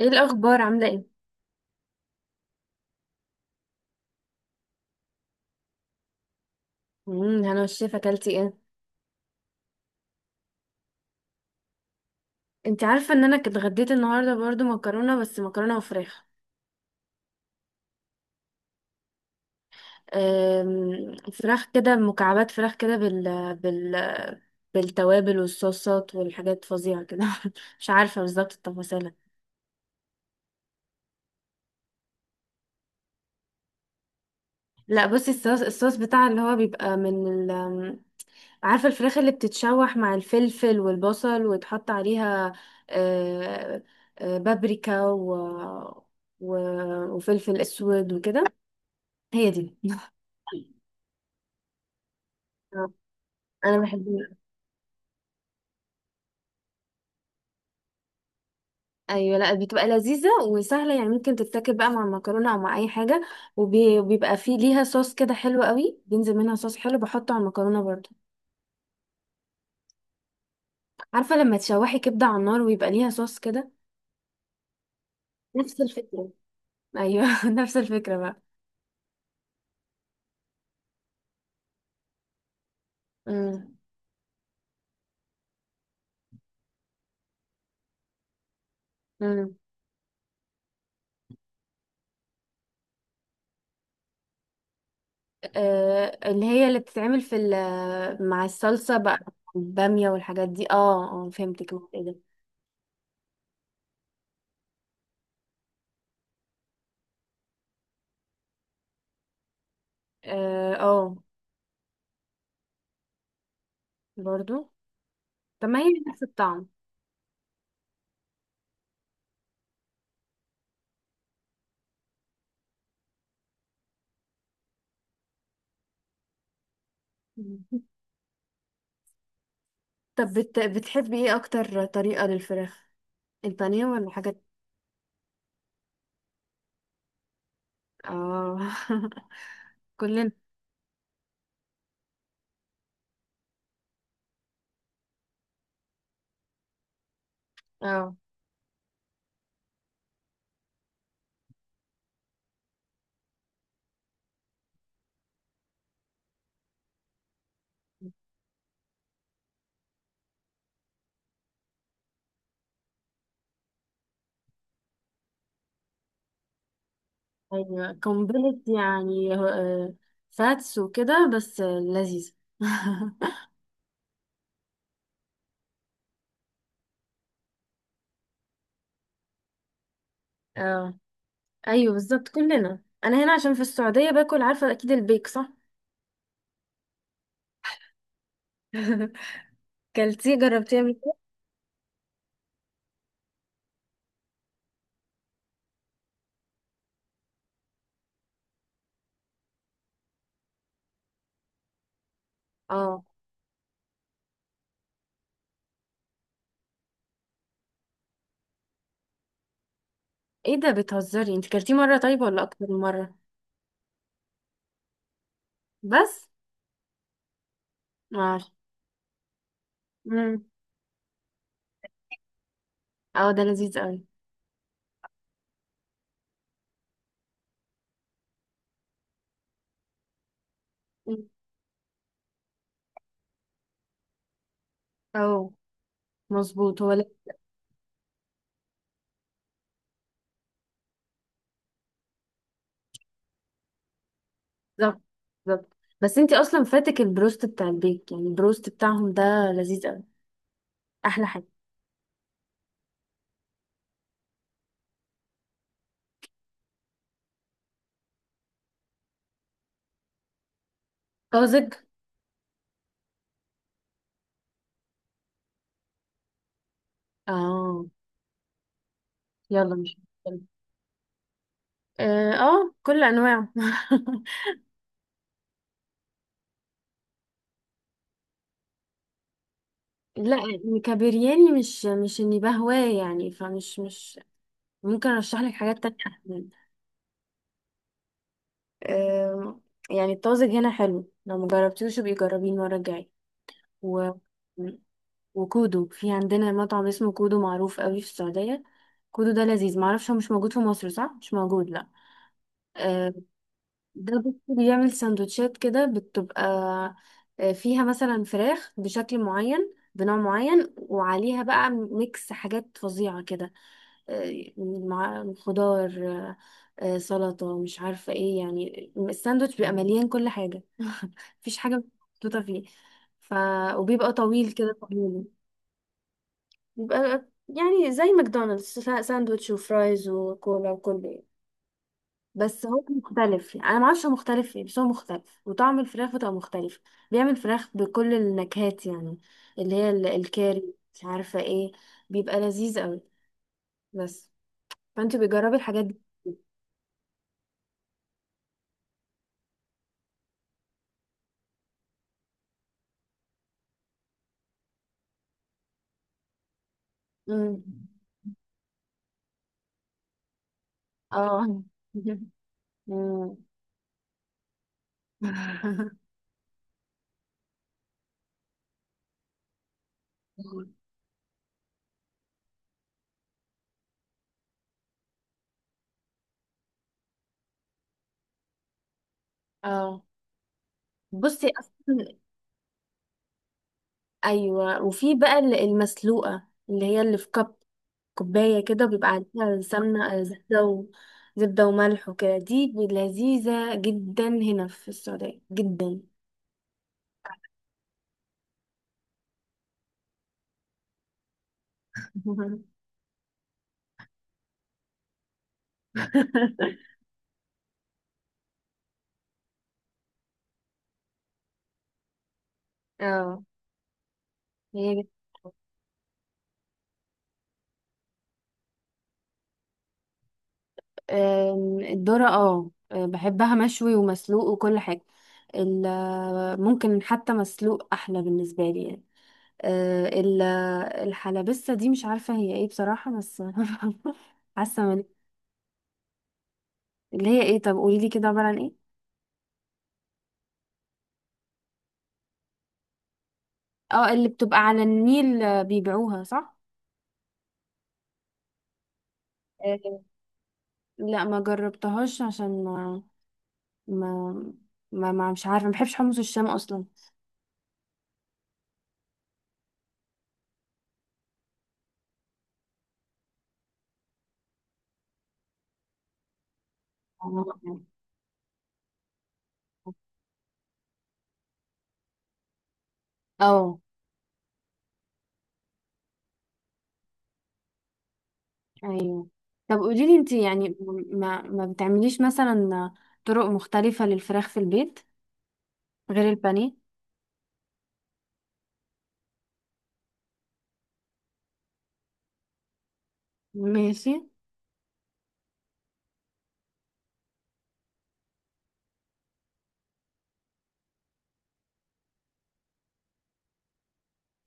ايه الاخبار؟ عامله ايه؟ انا والشيف، اكلتي ايه؟ انت عارفه ان انا كنت اتغديت النهارده برضو مكرونه، بس مكرونه وفراخ. فراخ كده مكعبات، فراخ كده بالتوابل والصوصات والحاجات فظيعه كده. مش عارفه بالظبط التفاصيل. لا، بصي، الصوص بتاع اللي هو بيبقى من ال... أم، عارفه الفراخ اللي بتتشوح مع الفلفل والبصل، ويتحط عليها أه، أه، بابريكا و... وفلفل اسود وكده. هي دي. آه، انا بحبها. ايوه، لا، بتبقى لذيذه وسهله، يعني ممكن تتاكل بقى مع المكرونه او مع اي حاجه. وبيبقى فيه ليها صوص كده حلو قوي، بينزل منها صوص حلو بحطه على المكرونه برضو. عارفه لما تشوحي كبده على النار، ويبقى ليها صوص كده. نفس الفكره. ايوه، نفس الفكره بقى. امم. امم. آه، اللي هي اللي بتتعمل في مع الصلصه بقى. الباميه والحاجات دي، اه اه، فهمتك. ايه ده. اه، آه، برضو. طب ما هي نفس الطعم. طب بتحبي ايه اكتر طريقة للفراخ؟ البانيه ولا حاجات؟ اه، كلنا. اه. ايوه، قنبلة يعني، فاتس وكده، بس لذيذة. اه، ايوه، بالظبط كلنا. انا هنا عشان في السعودية باكل، عارفة اكيد، البيك صح؟ كلتيه؟ جربتيه قبل كده؟ اه. ايه ده، بتهزري؟ انت كلتيه مرة طيب ولا اكتر من مرة؟ بس. ماشي. مم. اه، ده لذيذ قوي. مم. اه، مظبوط هو. بالظبط بالظبط. بس انتي اصلا فاتك البروست بتاع البيك، يعني البروست بتاعهم ده لذيذ قوي، احلى حاجه. طازج. اه، يلا، مش مشكلة. اه، آه، كل انواعه. لا يعني، كبرياني، مش اني بهواه، يعني فمش مش. ممكن ارشح لك حاجات تانية احسن. آه. يعني الطازج هنا حلو، لو مجربتيهوش جربيه المره الجايه. و... وكودو، في عندنا مطعم اسمه كودو، معروف قوي في السعوديه. كودو ده لذيذ، معرفش، هو مش موجود في مصر صح، مش موجود لا. آه، ده بص بيعمل سندوتشات كده، بتبقى فيها مثلا فراخ بشكل معين، بنوع معين، وعليها بقى ميكس حاجات فظيعة كده، آه، مع خضار، سلطة، مش عارفة ايه، يعني الساندوتش بيبقى مليان كل حاجة، مفيش حاجة محطوطة فيه. ف... وبيبقى طويل كده، طويل. بيبقى يعني زي ماكدونالدس، ساندوتش وفرايز وكولا وكله، بس هو مختلف. يعني انا ما اعرفش هو مختلف ايه، بس هو مختلف، وطعم الفراخ بتبقى مختلف. بيعمل فراخ بكل النكهات، يعني اللي هي الكاري، مش عارفه ايه. بيبقى لذيذ قوي. بس. فانت بتجربي الحاجات دي. امم. اه. أمم. اه، بصي اصلا. ايوه، وفي بقى المسلوقه، اللي هي اللي في كوباية كده، وبيبقى عليها سمنة، زبدة وملح وكده. دي لذيذة جدا، هنا في السعودية جدا. اه. هي بت- الذرة، بحبها مشوي ومسلوق وكل حاجة. ممكن حتى مسلوق أحلى بالنسبة لي يعني. الحلبسة دي مش عارفة هي ايه بصراحة، بس حاسة من- اللي هي ايه؟ طب قوليلي كده، عبارة عن ايه؟ اه، اللي بتبقى على النيل، بيبيعوها صح. لا، ما جربتهاش، عشان ما ما مش عارفه، ما بحبش حمص الشام اصلا. اه. ايوه. طب قولي لي انت، يعني ما بتعمليش مثلا طرق مختلفه للفراخ في البيت، غير البانيه. ماشي.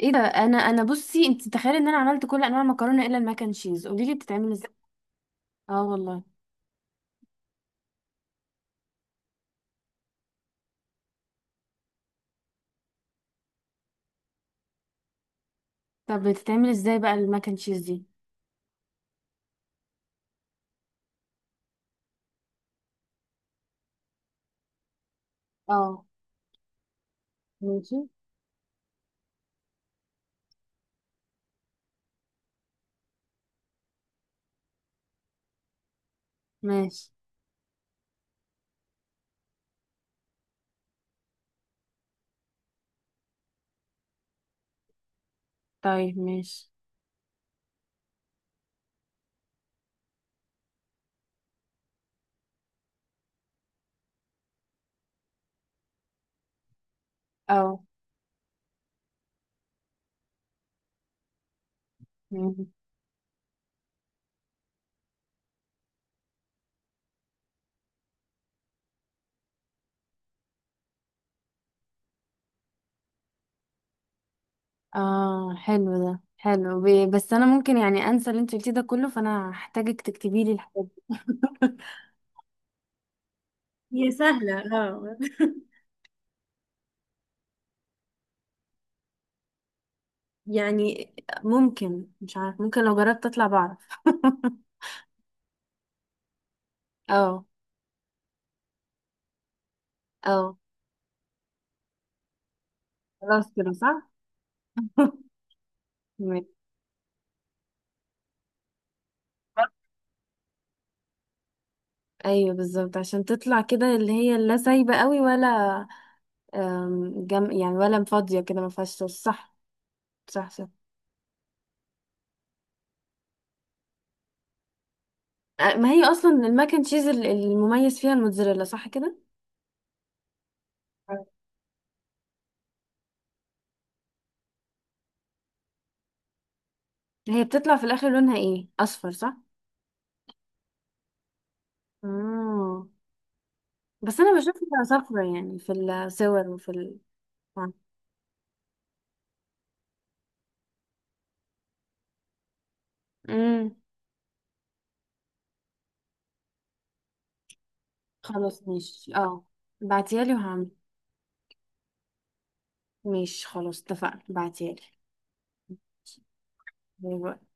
ايه ده؟ انا بصي، انت تخيلي ان انا عملت كل انواع المكرونه الا الماك اند تشيز. قولي لي بتتعمل ازاي. اه والله. طب بتتعمل ازاي بقى الماك اند تشيز دي؟ اه، ماشي. ماشي. طيب، ماشي. اه اه. حلو ده، حلو، بس انا ممكن يعني انسى اللي انت قلتيه ده كله، فانا هحتاجك تكتبي لي الحاجات دي. هي سهلة. اه. يعني ممكن، مش عارف، ممكن لو جربت اطلع بعرف. اه. اه. خلاص، كده صح. ماشي. ايوه، بالظبط عشان تطلع كده اللي هي لا سايبه قوي، ولا جم يعني، ولا فاضيه كده ما فيهاش صوص، صح. صح صح. ما هي اصلا الماك اند تشيز المميز فيها الموتزاريلا صح كده. هي بتطلع في الاخر لونها ايه، اصفر صح؟ اه، بس انا بشوفها صفرا يعني في الصور وفي ال... آه. امم. خلاص، ماشي. اه، بعتيها لي وهعمل. ماشي، خلاص، اتفقنا، بعتيها لي. باي باي.